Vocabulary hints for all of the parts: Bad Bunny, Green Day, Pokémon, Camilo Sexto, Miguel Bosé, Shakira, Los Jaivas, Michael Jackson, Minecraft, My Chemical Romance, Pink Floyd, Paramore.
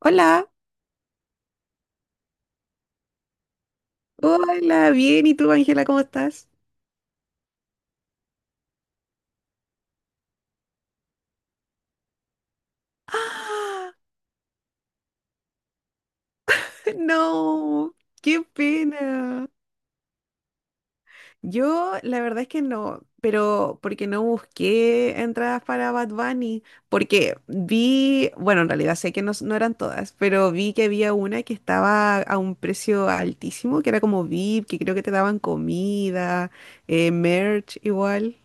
Hola, hola, bien, ¿y tú, Ángela, cómo estás? ¡Ah! No, qué pena. Yo, la verdad es que no, pero porque no busqué entradas para Bad Bunny, porque vi, bueno, en realidad sé que no, no eran todas, pero vi que había una que estaba a un precio altísimo, que era como VIP, que creo que te daban comida, merch igual.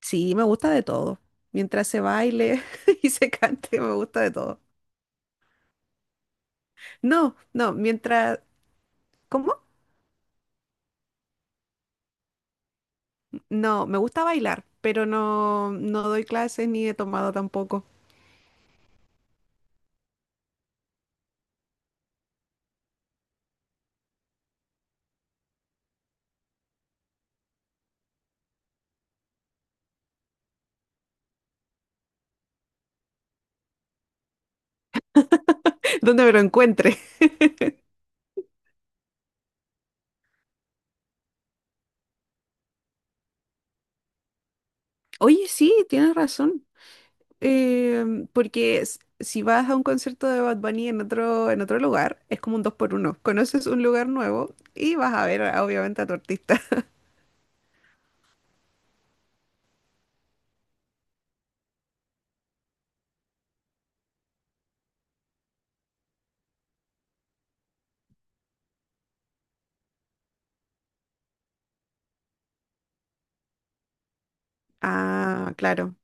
Sí, me gusta de todo. Mientras se baile y se cante, me gusta de todo. No, no, mientras... ¿Cómo? No, me gusta bailar, pero no, no doy clases ni he tomado tampoco. ¿Dónde me lo encuentre? Oye, sí, tienes razón. Porque si vas a un concierto de Bad Bunny en otro lugar, es como un dos por uno. Conoces un lugar nuevo y vas a ver, obviamente, a tu artista. Ah, claro.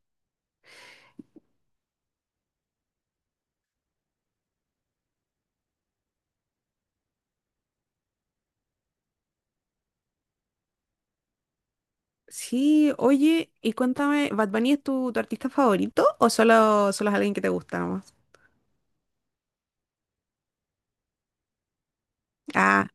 Sí, oye, y cuéntame, ¿Bad Bunny es tu artista favorito o solo es alguien que te gusta nomás? Ah,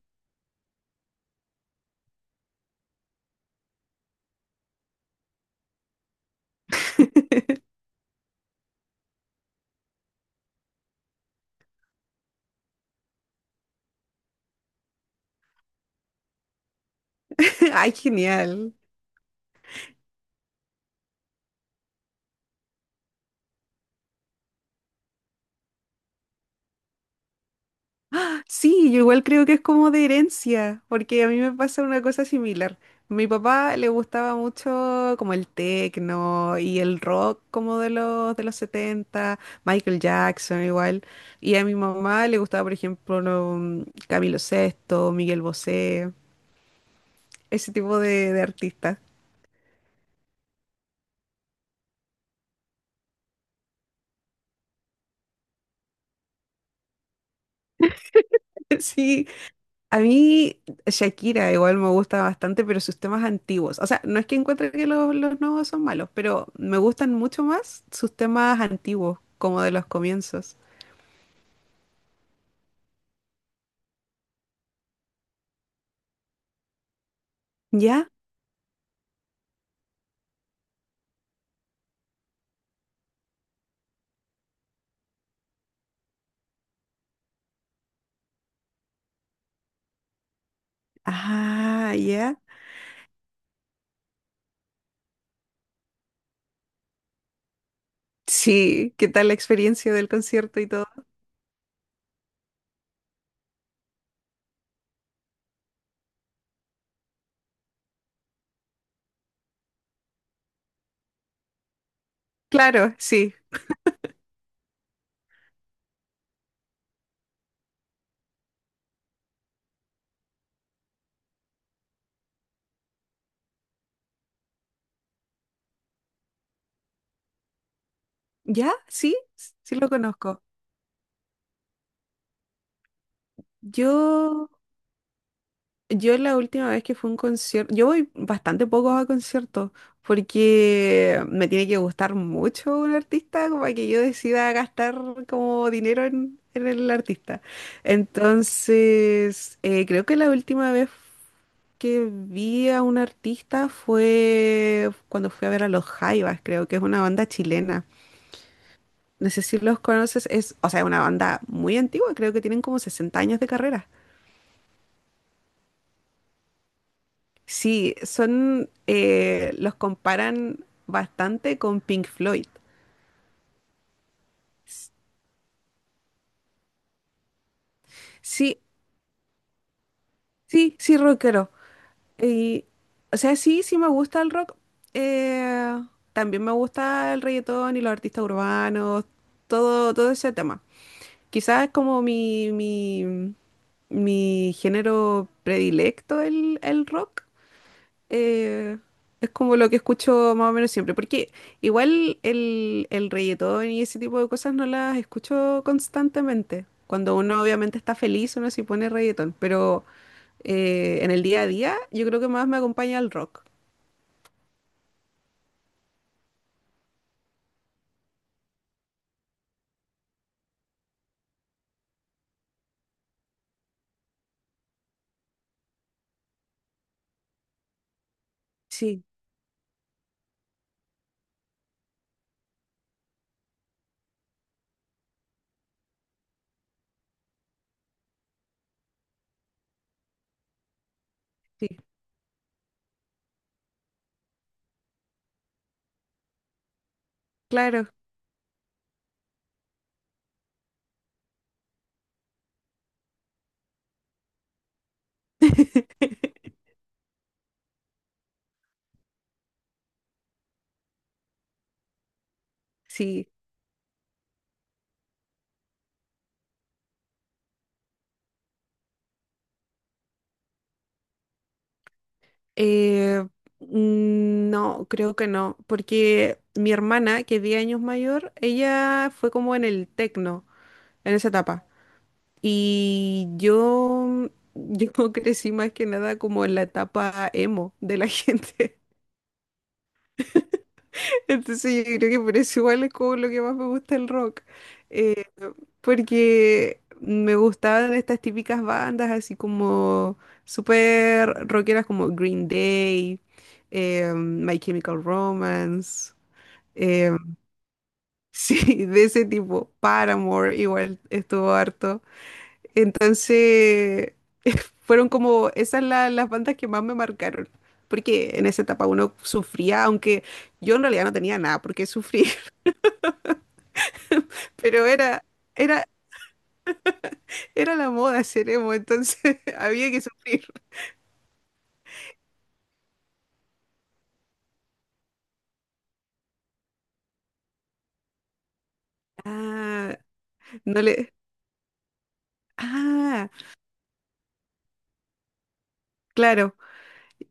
ay, genial. Sí, yo igual creo que es como de herencia, porque a mí me pasa una cosa similar. Mi papá le gustaba mucho como el techno y el rock como de los 70, Michael Jackson igual, y a mi mamá le gustaba, por ejemplo, lo, Camilo Sexto, Miguel Bosé, ese tipo de artistas. Sí, a mí Shakira igual me gusta bastante, pero sus temas antiguos. O sea, no es que encuentre que los nuevos son malos, pero me gustan mucho más sus temas antiguos, como de los comienzos. ¿Ya? Ah, ya. Sí, ¿qué tal la experiencia del concierto y todo? Claro, sí. ¿Ya? Sí, sí lo conozco. Yo Yo la última vez que fue un concierto, yo voy bastante poco a conciertos porque me tiene que gustar mucho un artista como para que yo decida gastar como dinero en el artista. Entonces, creo que la última vez que vi a un artista fue cuando fui a ver a Los Jaivas, creo que es una banda chilena. No sé si los conoces, es, o sea, es una banda muy antigua, creo que tienen como 60 años de carrera. Sí, son, los comparan bastante con Pink Floyd. Sí, sí, sí, rockero. Y, o sea, sí, sí me gusta el rock. Eh, también me gusta el reggaetón y los artistas urbanos, todo, todo ese tema. Quizás es como mi género predilecto el rock, eh, es como lo que escucho más o menos siempre, porque igual el reggaetón y ese tipo de cosas no las escucho constantemente. Cuando uno obviamente está feliz, uno sí pone reggaetón, pero en el día a día yo creo que más me acompaña el rock. Sí, sí, claro. Sí. Eh, no, creo que no, porque mi hermana, que es 10 años mayor, ella fue como en el tecno, en esa etapa. Y yo, yo crecí más que nada como en la etapa emo de la gente. Entonces yo creo que por eso igual es como lo que más me gusta el rock. Eh, porque me gustaban estas típicas bandas así como súper rockeras como Green Day, My Chemical Romance. eh, sí, de ese tipo. Paramore igual estuvo harto. Entonces, fueron como esas las bandas que más me marcaron. Porque en esa etapa uno sufría, aunque yo en realidad no tenía nada por qué sufrir, pero era, era la moda ser emo, entonces había que sufrir. Ah, no le. Ah, claro.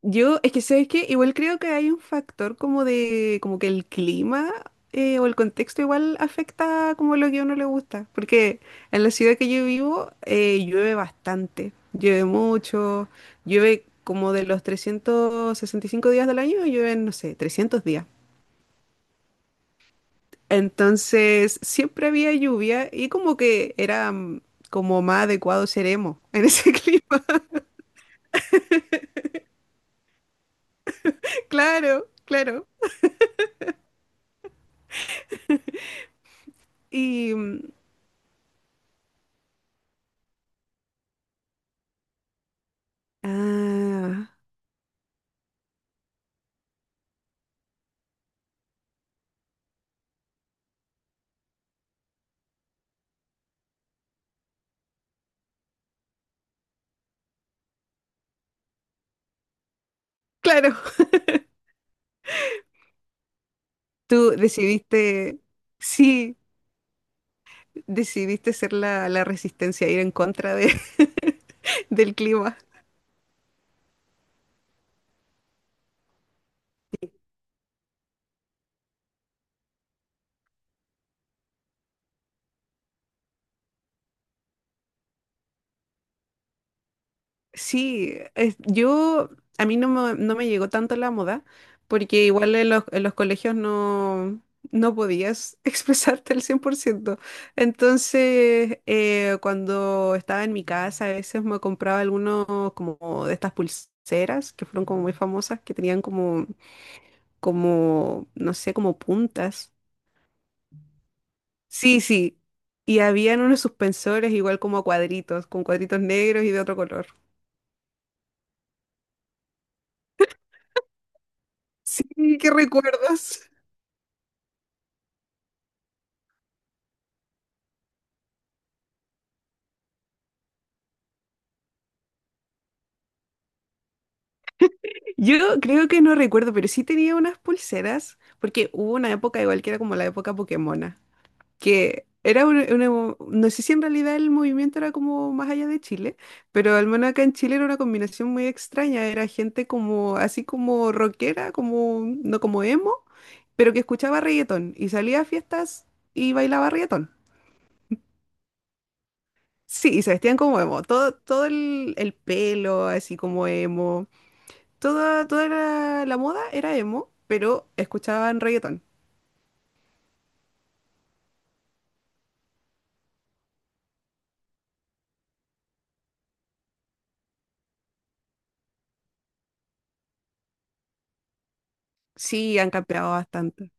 Yo, es que sabes que igual creo que hay un factor como de, como que el clima o el contexto igual afecta como lo que a uno le gusta, porque en la ciudad que yo vivo llueve bastante, llueve mucho, llueve como de los 365 días del año, llueven, no sé, 300 días. Entonces siempre había lluvia y como que era como más adecuado ser emo en ese clima. Claro, claro. Y... mm, ah, claro. Tú decidiste, sí, decidiste ser la resistencia, ir en contra de- del clima. Sí, yo, a mí no me llegó tanto la moda, porque igual en en los colegios no, no podías expresarte al 100%. Entonces, cuando estaba en mi casa, a veces me compraba algunos como de estas pulseras, que fueron como muy famosas, que tenían como no sé, como puntas. Sí, sí. Y habían unos suspensores igual como a cuadritos, con cuadritos negros y de otro color. Sí, qué recuerdos. Yo creo que no recuerdo, pero sí tenía unas pulseras, porque hubo una época igual que era como la época Pokémona, que era no sé si en realidad el movimiento era como más allá de Chile, pero al menos acá en Chile era una combinación muy extraña, era gente como, así como rockera, como, no como emo, pero que escuchaba reggaetón y salía a fiestas y bailaba reggaetón. Sí, y se vestían como emo. Todo, el pelo, así como emo. Toda, toda la moda era emo, pero escuchaban reggaetón. Sí, han cambiado bastante.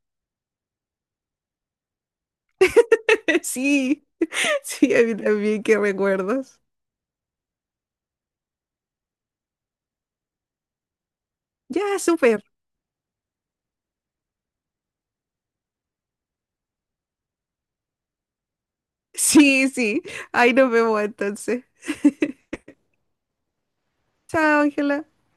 Sí, sí, a mí también, qué recuerdos. Ya, súper. Sí, sí. Ahí nos vemos entonces. Chao, Ángela.